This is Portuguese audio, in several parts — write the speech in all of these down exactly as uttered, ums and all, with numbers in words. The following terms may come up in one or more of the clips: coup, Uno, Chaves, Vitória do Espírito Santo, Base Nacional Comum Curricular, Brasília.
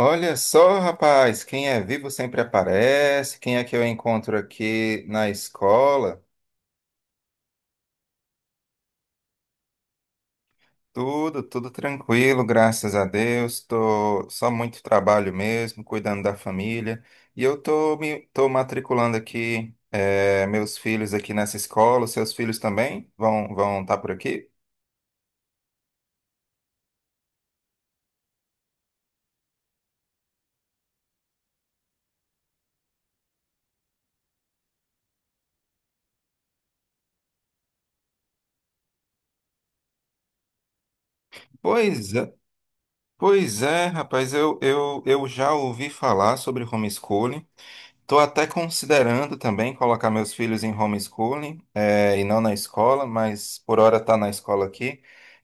Olha só, rapaz, quem é vivo sempre aparece. Quem é que eu encontro aqui na escola? Tudo, tudo tranquilo, graças a Deus. Tô só muito trabalho mesmo, cuidando da família. E eu tô me tô matriculando aqui eh, meus filhos aqui nessa escola. Os seus filhos também vão vão estar por aqui? Pois é, pois é, rapaz. Eu eu, eu já ouvi falar sobre homeschooling. Estou até considerando também colocar meus filhos em homeschooling, eh, e não na escola, mas por hora está na escola aqui.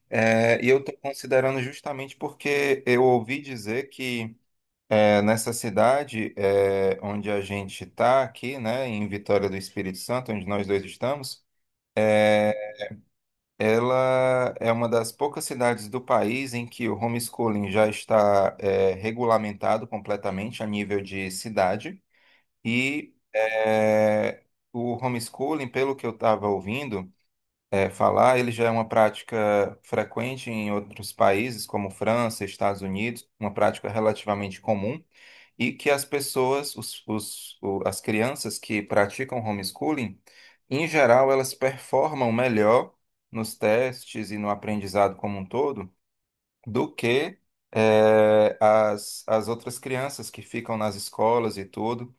Eh, e eu estou considerando justamente porque eu ouvi dizer que eh, nessa cidade eh, onde a gente está aqui, né, em Vitória do Espírito Santo, onde nós dois estamos, é, ela é uma das poucas cidades do país em que o homeschooling já está eh, regulamentado completamente a nível de cidade. E é, o homeschooling, pelo que eu estava ouvindo é, falar, ele já é uma prática frequente em outros países, como França, Estados Unidos, uma prática relativamente comum, e que as pessoas, os, os, o- as crianças que praticam homeschooling, em geral, elas performam melhor nos testes e no aprendizado como um todo do que é, as, as outras crianças que ficam nas escolas e tudo.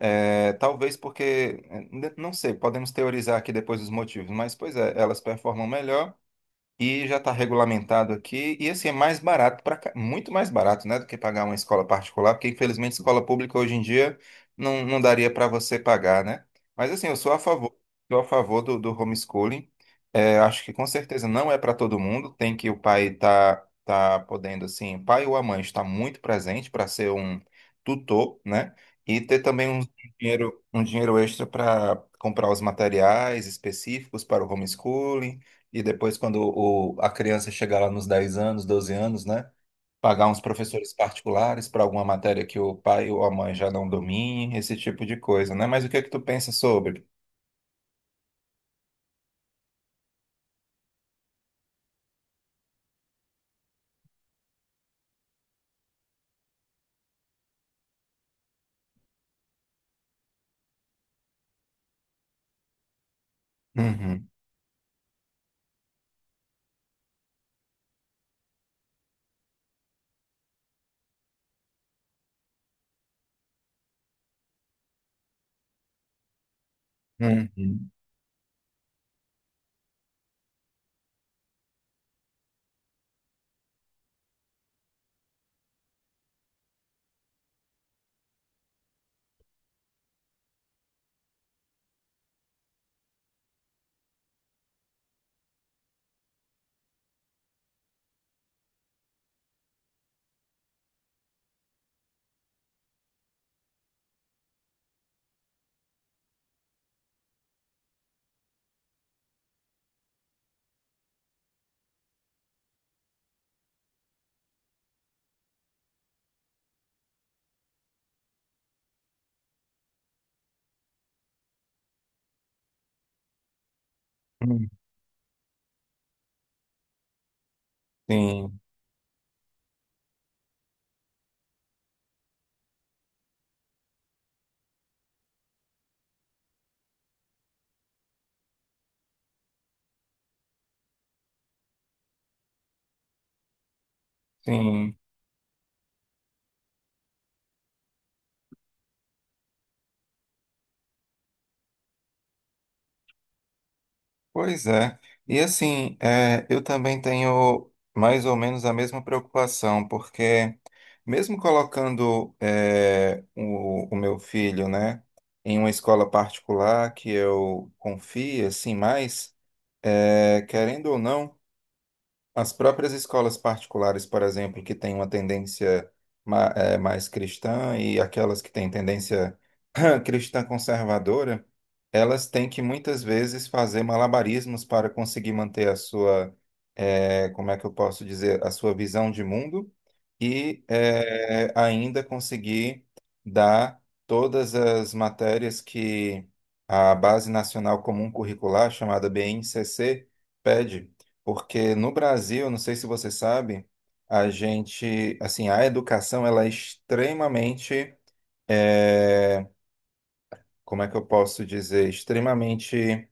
É, talvez porque, eh, não sei, podemos teorizar aqui depois os motivos, mas pois é, elas performam melhor. E já está regulamentado aqui. E assim, é mais barato, pra, ca- muito mais barato, né, do que pagar uma escola particular, porque infelizmente escola pública hoje em dia não, não daria para você pagar, né? Mas assim, eu sou a favor, sou a favor do, do homeschooling. É, acho que com certeza não é para todo mundo. Tem que o pai tá, tá podendo, assim, o pai ou a mãe está muito presente para ser um tutor, né? E ter também um dinheiro, um dinheiro extra para comprar os materiais específicos para o homeschooling e depois, quando o, a criança chegar lá nos dez anos, doze anos, né? Pagar uns professores particulares para alguma matéria que o pai ou a mãe já não domine, esse tipo de coisa, né? Mas o que é que tu pensa sobre? Uhum, uhum, uhum. Sim, sim. Pois é. E assim, é, eu também tenho mais ou menos a mesma preocupação, porque mesmo colocando é, o, o meu filho, né, em uma escola particular que eu confio, assim, mais, é, querendo ou não, as próprias escolas particulares, por exemplo, que têm uma tendência ma- é, mais cristã e aquelas que têm tendência cristã conservadora, elas têm que muitas vezes fazer malabarismos para conseguir manter a sua, eh, como é que eu posso dizer, a sua visão de mundo e eh, ainda conseguir dar todas as matérias que a Base Nacional Comum Curricular, chamada B N C C, pede. Porque no Brasil, não sei se você sabe, a gente, assim, a educação ela é extremamente eh, como é que eu posso dizer, extremamente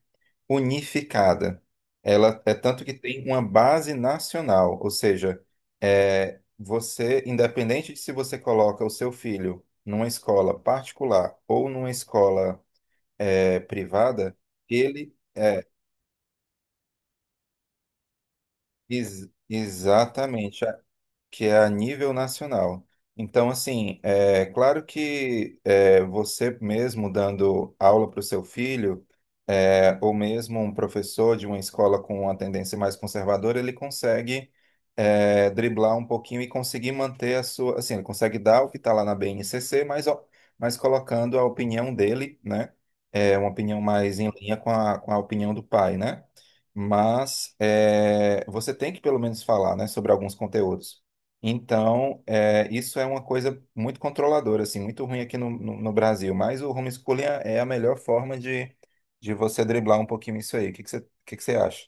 unificada. Ela é tanto que tem uma base nacional, ou seja, é, você, independente de se você coloca o seu filho numa escola particular ou numa escola é, privada, ele é ex- exatamente a- que é a nível nacional. Então, assim, é claro que é, você mesmo dando aula para o seu filho é, ou mesmo um professor de uma escola com uma tendência mais conservadora, ele consegue é, driblar um pouquinho e conseguir manter a sua, assim, ele consegue dar o que está lá na B N C C, mas, ó, mas colocando a opinião dele, né? É uma opinião mais em linha com a, com a opinião do pai, né? Mas é, você tem que pelo menos falar, né, sobre alguns conteúdos. Então, é, isso é uma coisa muito controladora, assim, muito ruim aqui no, no, no Brasil. Mas o homeschooling é é a melhor forma de de você driblar um pouquinho isso aí. O que que você, o que que você acha?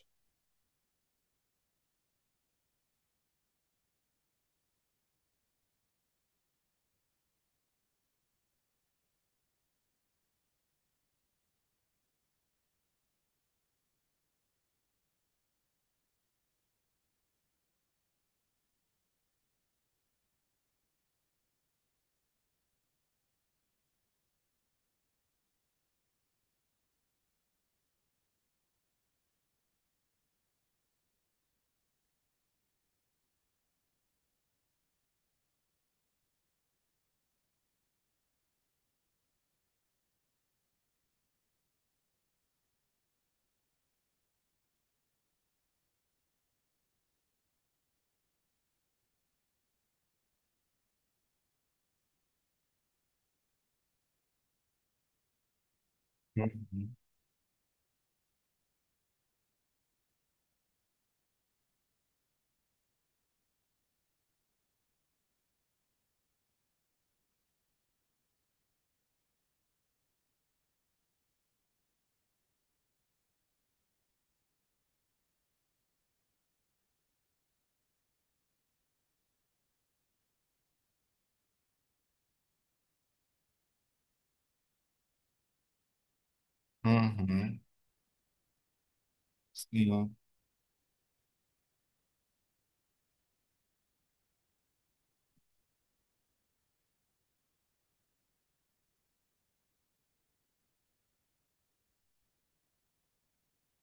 Uhum. Uhum. Sim,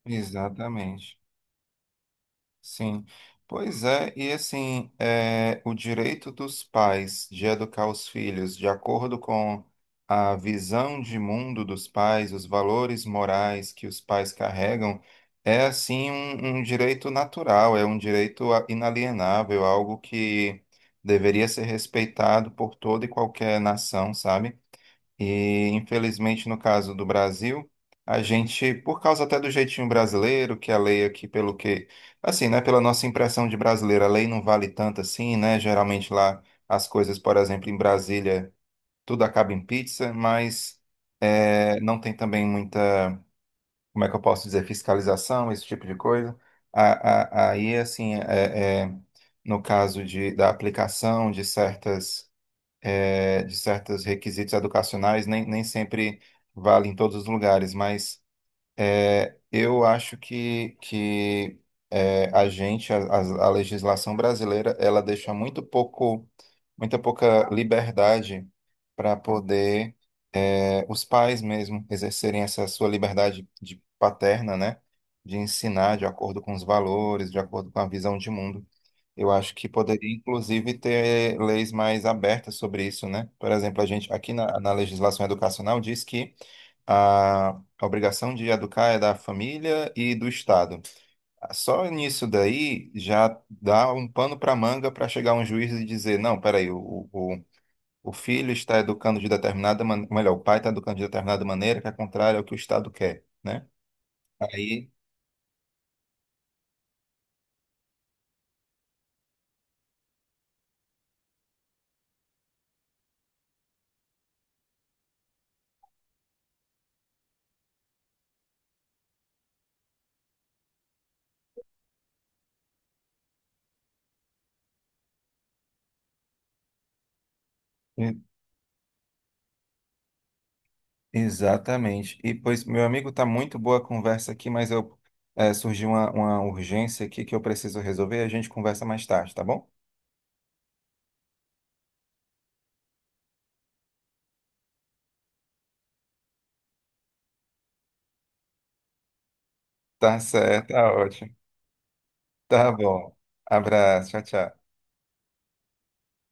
exatamente. Sim. Pois é, e assim, é, o direito dos pais de educar os filhos de acordo com a visão de mundo dos pais, os valores morais que os pais carregam, é assim um, um direito natural, é um direito a- inalienável, algo que deveria ser respeitado por toda e qualquer nação, sabe? E, infelizmente, no caso do Brasil, a gente, por causa até do jeitinho brasileiro, que a lei aqui, pelo que, assim, né, pela nossa impressão de brasileiro, a lei não vale tanto assim, né? Geralmente lá as coisas, por exemplo, em Brasília, tudo acaba em pizza, mas eh, não tem também muita, como é que eu posso dizer, fiscalização, esse tipo de coisa. A- a- Aí, assim, é, é, no caso de, da aplicação de certas é, de certos requisitos educacionais, nem, nem sempre vale em todos os lugares, mas. É, eu acho que, que é, a gente, a, a- a legislação brasileira, ela deixa muito pouco, muita pouca liberdade para poder é, os pais mesmo exercerem essa sua liberdade de paterna, né? De ensinar de acordo com os valores, de acordo com a visão de mundo. Eu acho que poderia, inclusive, ter leis mais abertas sobre isso, né? Por exemplo, a gente aqui na na legislação educacional diz que a a obrigação de educar é da família e do Estado. Só nisso daí já dá um pano para manga para chegar um juiz e dizer: não, peraí, o, o, o filho está educando de determinada maneira, melhor, o pai está educando de determinada maneira que é contrária ao que o Estado quer, né? Aí. e- Exatamente. E, pois, meu amigo, tá muito boa a conversa aqui, mas eu eh, surgiu uma, uma urgência aqui que eu preciso resolver. A gente conversa mais tarde, tá bom? Tá certo, tá ótimo. Tá bom. Abraço, tchau, tchau.